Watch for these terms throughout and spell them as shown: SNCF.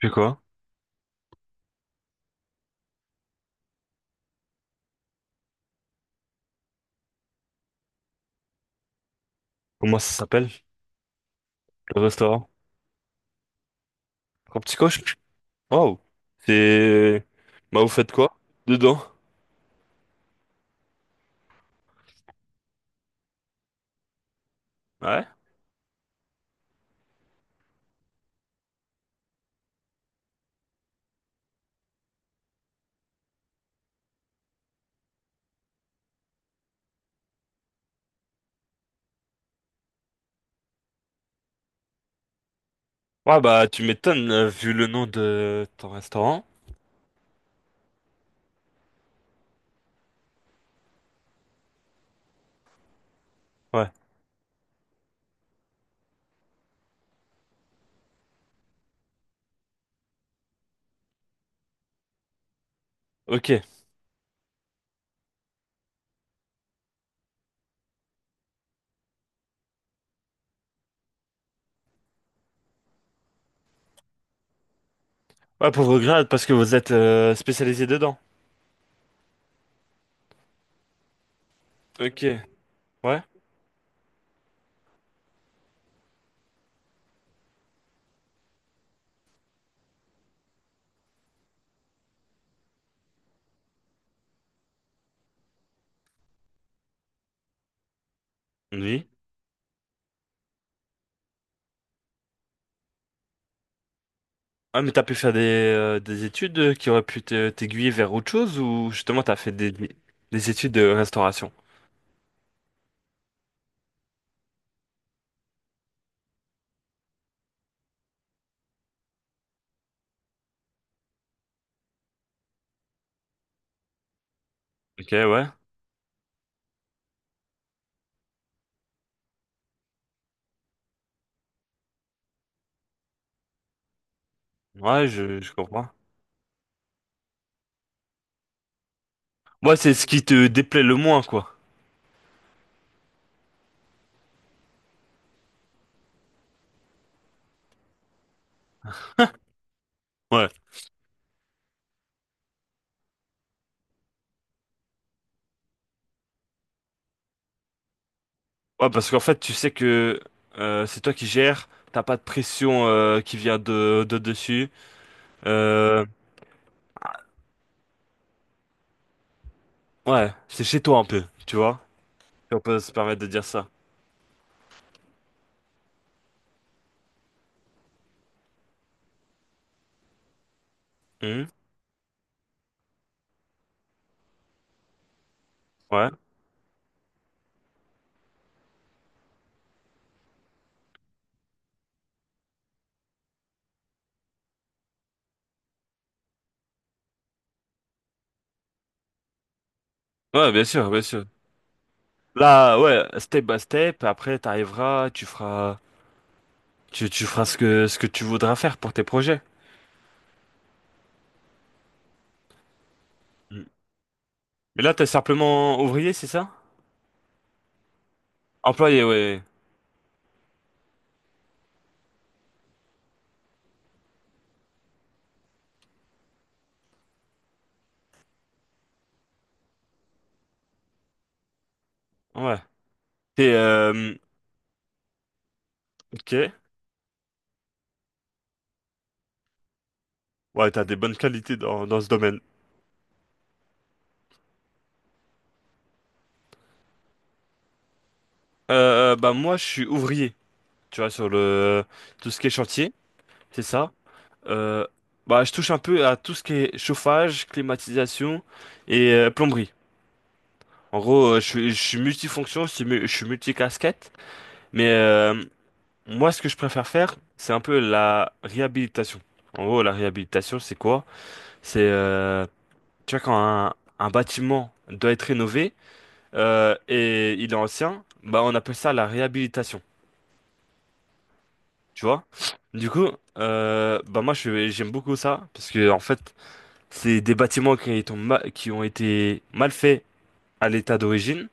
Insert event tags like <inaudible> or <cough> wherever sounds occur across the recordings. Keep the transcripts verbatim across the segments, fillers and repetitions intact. C'est quoi? Comment ça s'appelle? Le restaurant? Un petit coche? Wow! C'est... Bah vous faites quoi? Dedans? Ouais? Ouais bah tu m'étonnes euh, vu le nom de ton restaurant. Ouais. Ok. Ouais pauvre grade parce que vous êtes euh, spécialisé dedans. Ok. Ouais? Oui. Ouais mais t'as pu faire des, euh, des études euh, qui auraient pu te- t'aiguiller vers autre chose ou justement t'as fait des, des études de restauration? Ok ouais. Ouais je, je comprends. Ouais c'est ce qui te déplaît le moins quoi. Ouais. Ouais, parce qu'en fait, tu sais que euh, c'est toi qui gères, t'as pas de pression euh, qui vient de, de dessus. Euh, ouais, c'est chez toi un peu, tu vois, si on peut se permettre de dire ça. Mhm. Ouais. Ouais, bien sûr, bien sûr. Là, ouais, step by step, après t'arriveras, tu feras, tu, tu feras ce que, ce que tu voudras faire pour tes projets. Mhm. Mais là, t'es simplement ouvrier, c'est ça? Employé, ouais. Ouais. T'es, euh, ok. Ouais, t'as des bonnes qualités dans, dans ce domaine. Euh, bah moi, je suis ouvrier. Tu vois, sur le tout ce qui est chantier, c'est ça. Euh, bah, je touche un peu à tout ce qui est chauffage, climatisation et euh, plomberie. En gros, euh, je suis, je suis multifonction, je suis, mu- je suis multicasquette, mais euh, moi, ce que je préfère faire, c'est un peu la réhabilitation. En gros, la réhabilitation, c'est quoi? C'est, euh, tu vois, quand un, un bâtiment doit être rénové euh, et il est ancien, bah, on appelle ça la réhabilitation. Tu vois? Du coup, euh, bah moi je j'aime beaucoup ça parce que en fait, c'est des bâtiments qui ont, ma- qui ont été mal faits à l'état d'origine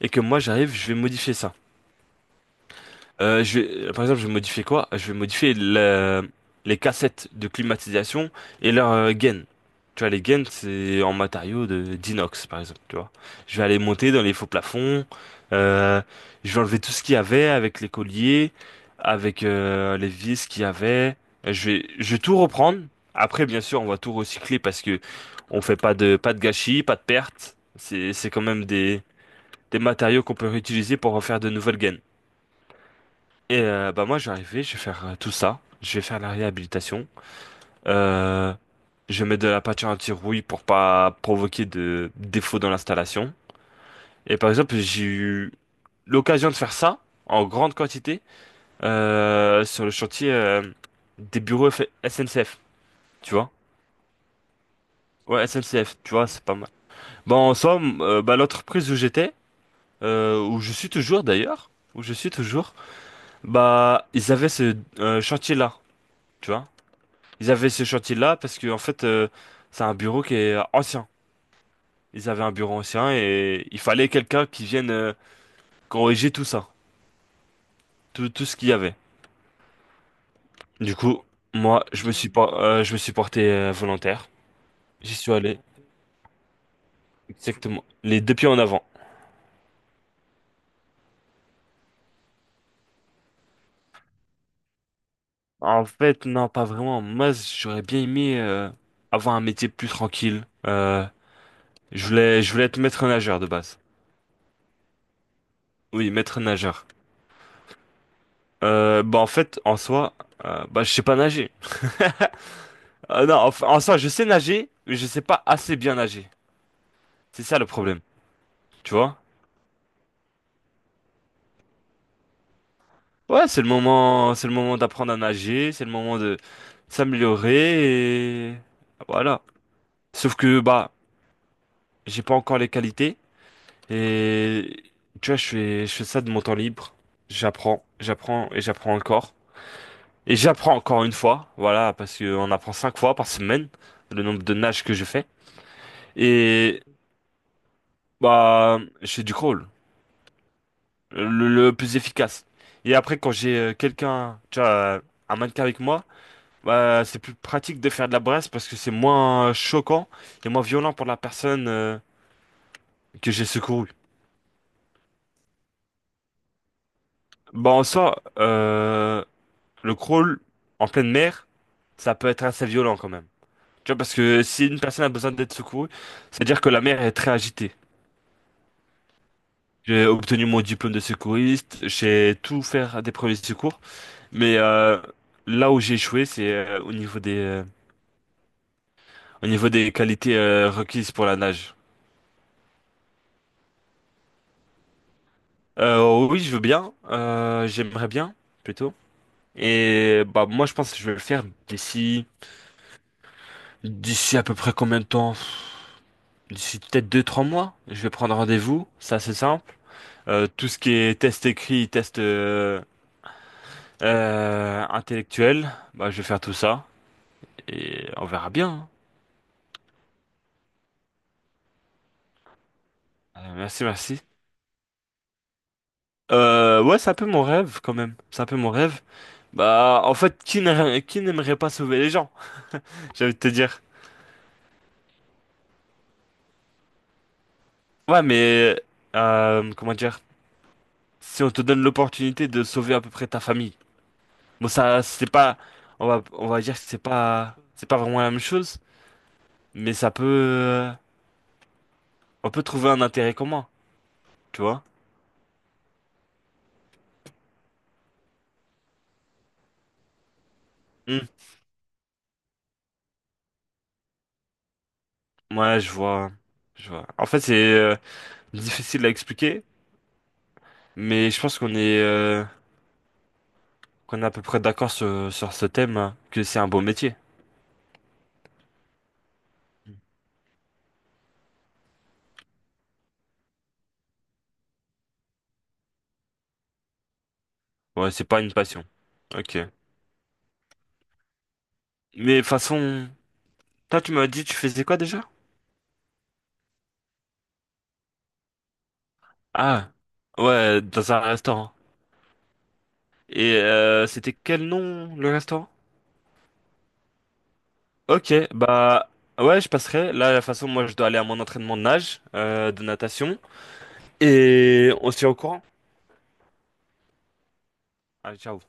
et que moi j'arrive, je vais modifier ça. Euh, je vais, par exemple, je vais modifier quoi? Je vais modifier la- les cassettes de climatisation et leur euh, gain. Tu vois, les gaines, c'est en matériaux de d'inox, par exemple, tu vois. Je vais aller monter dans les faux plafonds. euh, je vais enlever tout ce qu'il y avait avec les colliers, avec euh, les vis qu'il y avait. Je vais, je vais tout reprendre. Après, bien sûr, on va tout recycler parce que on fait pas de, pas de gâchis, pas de pertes. C'est, c'est quand même des, des matériaux qu'on peut réutiliser pour refaire de nouvelles gaines. Et euh, bah moi je vais arriver, je vais faire euh, tout ça, je vais faire la réhabilitation, euh, je mets de la peinture anti-rouille pour pas provoquer de défauts dans l'installation. Et par exemple j'ai eu l'occasion de faire ça en grande quantité euh, sur le chantier euh, des bureaux F- S N C F, tu vois? Ouais S N C F, tu vois c'est pas mal. Bon en somme, euh, bah l'entreprise où j'étais, euh, où je suis toujours d'ailleurs, où je suis toujours, bah ils avaient ce euh, chantier-là. Tu vois. Ils avaient ce chantier-là parce que en fait, euh, c'est un bureau qui est ancien. Ils avaient un bureau ancien et il fallait quelqu'un qui vienne euh, corriger tout ça, tout, tout ce qu'il y avait. Du coup, moi, je me suis por- euh, je me suis porté euh, volontaire. J'y suis allé, exactement, les deux pieds en avant. En fait, non, pas vraiment. Moi, j'aurais bien aimé euh, avoir un métier plus tranquille. Euh, je voulais, je voulais être maître nageur de base. Oui, maître nageur. Euh, bah en fait, en soi, euh, bah je sais pas nager. Euh, non, enfin, en soi, je sais nager, mais je sais pas assez bien nager. C'est ça le problème, tu vois? Ouais, c'est le moment, c'est le moment d'apprendre à nager, c'est le moment de s'améliorer et voilà. Sauf que bah, j'ai pas encore les qualités et tu vois, je fais, je fais ça de mon temps libre. J'apprends, j'apprends et j'apprends encore. Et j'apprends encore une fois, voilà, parce qu'on apprend cinq fois par semaine le nombre de nages que je fais. Et bah, je fais du crawl. Le, le plus efficace. Et après, quand j'ai euh, quelqu'un, tu vois, euh, un mannequin avec moi, bah, c'est plus pratique de faire de la brasse parce que c'est moins choquant et moins violent pour la personne euh, que j'ai secourue. Bah, en soi, euh, le crawl en pleine mer, ça peut être assez violent quand même. Tu vois, parce que si une personne a besoin d'être secourue, c'est-à-dire que la mer est très agitée. J'ai obtenu mon diplôme de secouriste, j'ai tout fait des premiers secours, mais euh, là où j'ai échoué, c'est euh, au niveau des, euh, au niveau des qualités euh, requises pour la nage. Euh, oui, je veux bien. Euh, j'aimerais bien, plutôt. Et bah moi, je pense que je vais le faire d'ici, d'ici à peu près combien de temps? D'ici peut-être deux, trois mois. Je vais prendre rendez-vous. Ça, c'est simple. Euh, tout ce qui est test écrit, test euh, euh, intellectuel, bah je vais faire tout ça et on verra bien. Hein. Euh, merci, merci. Euh, ouais, c'est un peu mon rêve quand même. C'est un peu mon rêve. Bah, en fait, qui n'aimerait qui n'aimerait pas sauver les gens? <laughs> J'ai envie de te dire. Ouais, mais euh, comment dire, si on te donne l'opportunité de sauver à peu près ta famille, bon ça c'est pas, on va on va dire que c'est pas c'est pas vraiment la même chose, mais ça peut euh, on peut trouver un intérêt commun, tu vois? Hmm. Ouais, je vois, je vois. En fait c'est euh, difficile à expliquer, mais je pense qu'on est euh, qu'on est à peu près d'accord sur sur ce thème hein, que c'est un beau métier. Ouais, c'est pas une passion. Ok. Mais de toute façon, toi tu m'as dit tu faisais quoi déjà? Ah, ouais, dans un restaurant. Et euh, c'était quel nom le restaurant? Ok, bah ouais, je passerai. Là, de toute façon, moi, je dois aller à mon entraînement de nage, euh, de natation. Et on se tient au courant. Allez, ciao.